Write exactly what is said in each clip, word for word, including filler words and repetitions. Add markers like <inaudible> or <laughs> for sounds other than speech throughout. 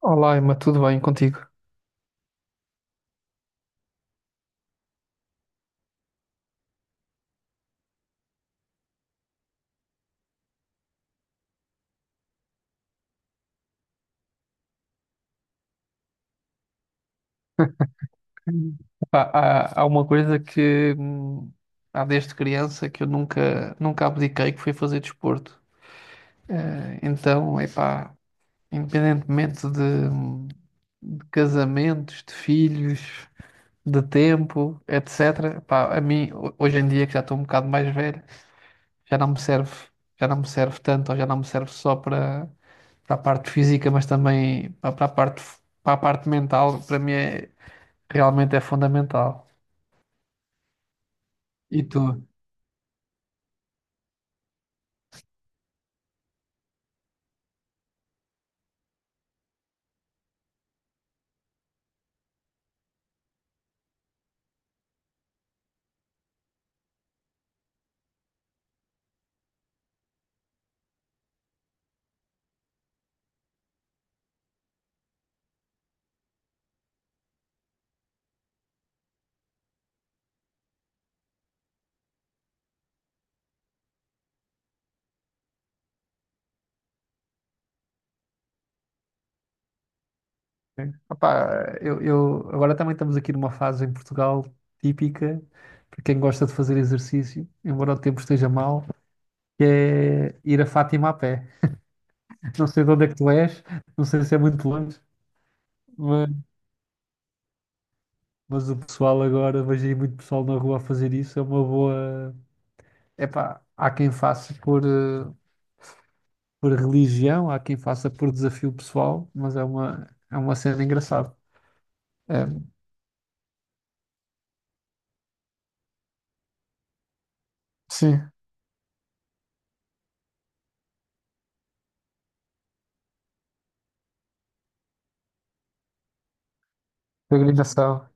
Olá, Emma, tudo bem contigo? Hum. Epá, Há, há uma coisa que hum, há desde criança que eu nunca, nunca abdiquei, que foi fazer desporto. Eh, então, epá, independentemente de, hum, de casamentos, de filhos, de tempo, etecetera, epá, a mim, ho- hoje em dia, que já estou um bocado mais velho, já não me serve, já não me serve tanto, ou já não me serve só para, para a parte física, mas também para, para a parte, para a parte mental, para mim é realmente é fundamental. E tu? Opá, eu, eu- agora também estamos aqui numa fase em Portugal típica para quem gosta de fazer exercício, embora o tempo esteja mau, que é ir a Fátima a pé. <laughs> Não sei de onde é que tu és, não sei se é muito longe, mas, mas o pessoal agora, vejo aí muito pessoal na rua a fazer isso, é uma boa. Epá, há quem faça por, eh, por religião, há quem faça por desafio pessoal, mas é uma, é uma cena engraçada. É, sim, peregrinação.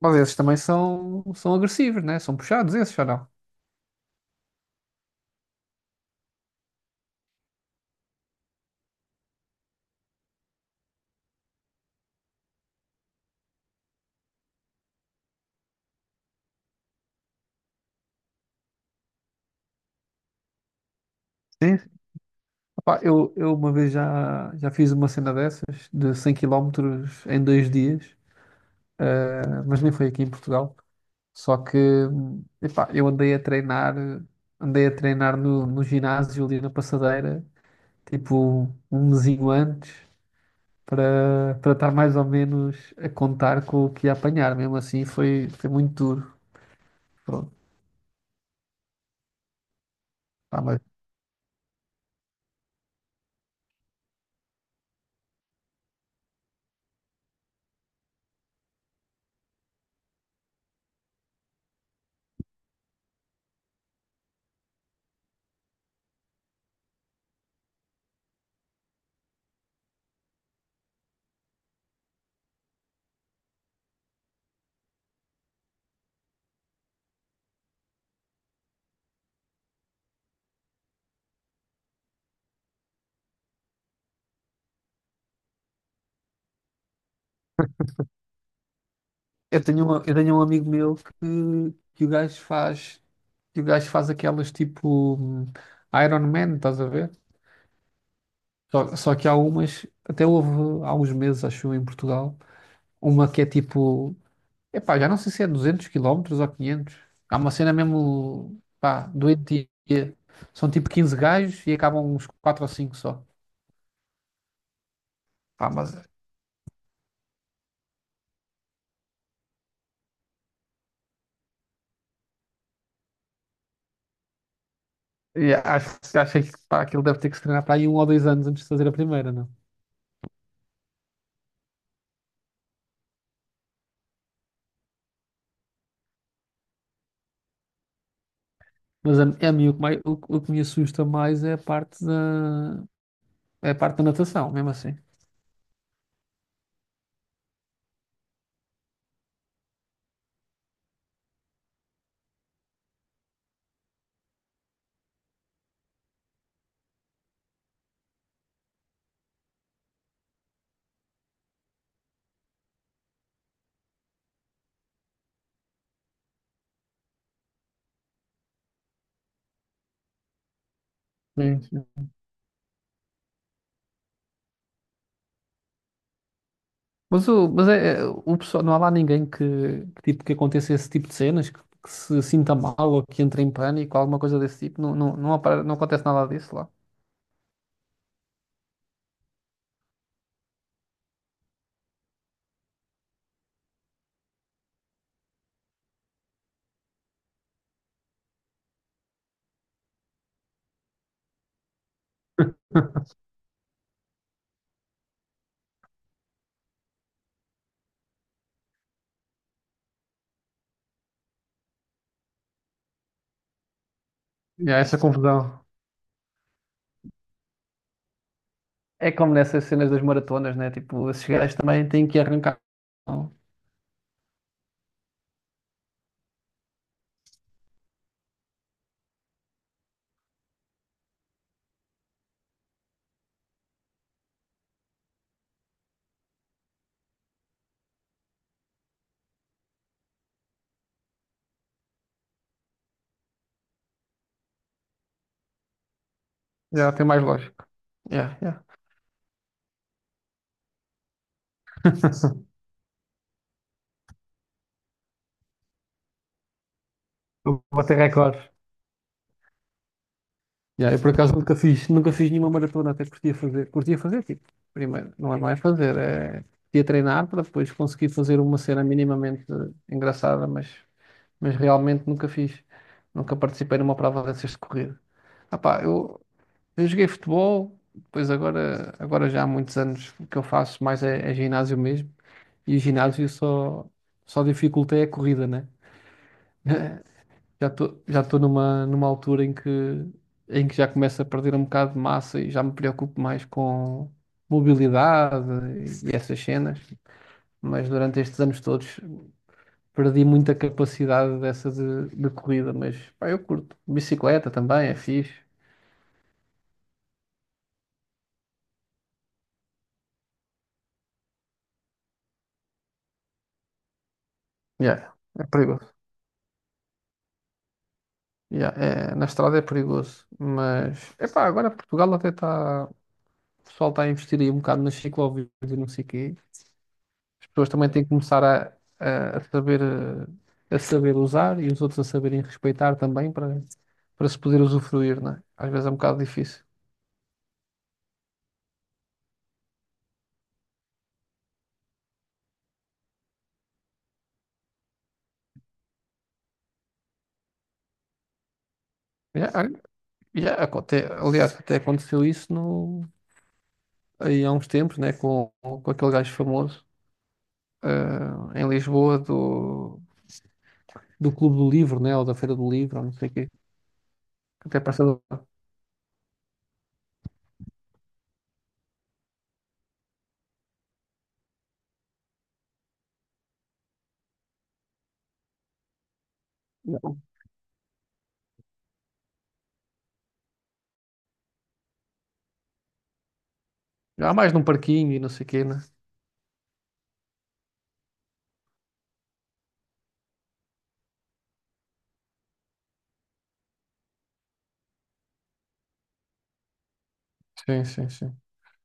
Mas esses também são, são agressivos, né? São puxados esses, ou não? Sim. Opá, eu, eu uma vez já, já fiz uma cena dessas, de cem quilómetros em dois dias, eh, mas nem foi aqui em Portugal. Só que, hum, epá, eu andei a treinar, andei a treinar no, no ginásio ali na passadeira, tipo um mesinho antes, para para estar mais ou menos a contar com o que ia apanhar. Mesmo assim, foi, foi muito duro. Pronto. Pá, mas Eu tenho um, eu tenho um amigo meu que, que o gajo faz, que o gajo faz aquelas tipo hum, Iron Man, estás a ver? Só, só que há umas, até houve há uns meses, acho eu, em Portugal, uma que é tipo, epá, já não sei se é duzentos quilómetros ou quinhentos. Há uma cena mesmo, pá, doentia. São tipo quinze gajos e acabam uns quatro ou cinco só. Pá, mas yeah, acho, acho que pá, aquilo deve ter que se treinar para aí um ou dois anos antes de fazer a primeira, não? Mas a, é a mim o que, mais, o, que o que me assusta mais é a parte da, é a parte da natação, mesmo assim. Sim, sim. Mas, o, mas é, é, o pessoal, não há lá ninguém que, que, tipo, que aconteça esse tipo de cenas, que, que se sinta mal ou que entre em pânico, alguma coisa desse tipo. Não, não, não, apare- não acontece nada disso lá. <laughs> E há essa confusão. É como nessas cenas das maratonas, né? Tipo, esses gajos também têm que arrancar. Não. Já tem mais lógico. Yeah, yeah. <laughs> Vou bater recordes. Yeah, eu por acaso nunca fiz, nunca fiz nenhuma maratona, até curtia fazer, curtia fazer, tipo, primeiro, não é, não é fazer, é curtia treinar para depois conseguir fazer uma cena minimamente engraçada, mas, mas realmente nunca fiz, nunca participei numa prova dessas de corrida. Ah pá, eu, eu joguei futebol, depois agora, agora já há muitos anos o que eu faço mais é, é ginásio mesmo, e o ginásio só, só dificulta é a corrida, né? Já estou já estou numa, numa altura em que, em que já começo a perder um bocado de massa e já me preocupo mais com mobilidade e, essas cenas. Mas durante estes anos todos perdi muita capacidade dessa de, de corrida. Mas pá, eu curto. Bicicleta também é fixe. Yeah, é perigoso. Yeah, é- na estrada é perigoso. Mas epá, agora Portugal até está. O pessoal está a investir aí um bocado nas ciclovias e não sei o quê. As pessoas também têm que começar a, a- a saber, eh, a saber usar e os outros a saberem respeitar também para, para se poder usufruir, não é? Às vezes é um bocado difícil. Já, já, aconte- Aliás, até aconteceu isso no, aí há uns tempos, né, com, com aquele gajo famoso eh, em Lisboa do, do Clube do Livro, né, ou da Feira do Livro, ou não sei o quê. Até passou há mais num parquinho e não sei o quê, né? Sim, sim, sim.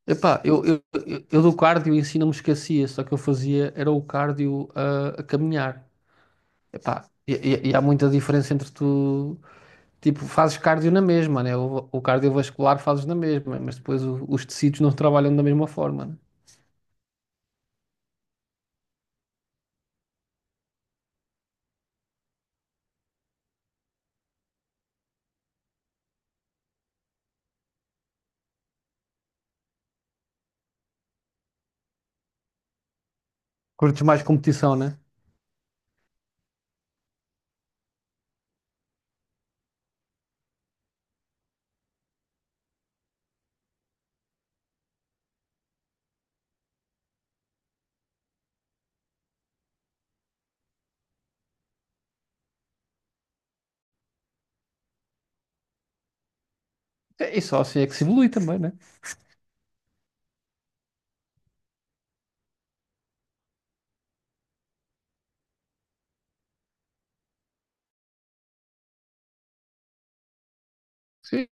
Epá, eu, eu, eu, eu do cardio em si não me esquecia, só que eu fazia era o cardio a, a caminhar. Epá, e, e- e há muita diferença entre tu, tipo, fazes cardio na mesma, né? O, o cardiovascular fazes na mesma, mas depois o- os tecidos não trabalham da mesma forma, né? Curtes mais competição, né? E e só assim é que se evolui também, né? Sim.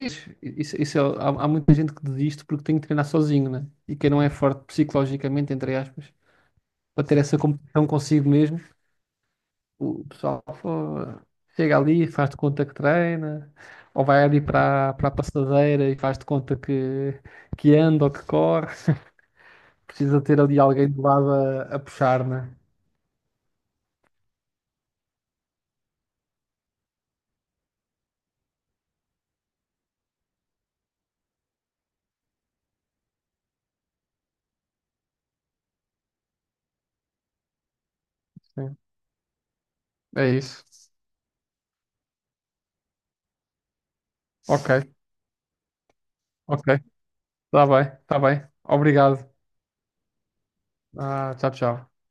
Isso, isso, isso é- há, há muita gente que desiste porque tem que treinar sozinho, né? E quem não é forte psicologicamente, entre aspas, para ter essa competição consigo mesmo. O pessoal fo- chega ali, faz de conta que treina, ou vai ali para para a passadeira e faz de conta que, que anda ou que corre. <laughs> Precisa ter ali alguém do lado a, a puxar, né? Sim. É isso. Ok, ok. Tá bem, tá bem. Obrigado. Ah, tchau, tchau.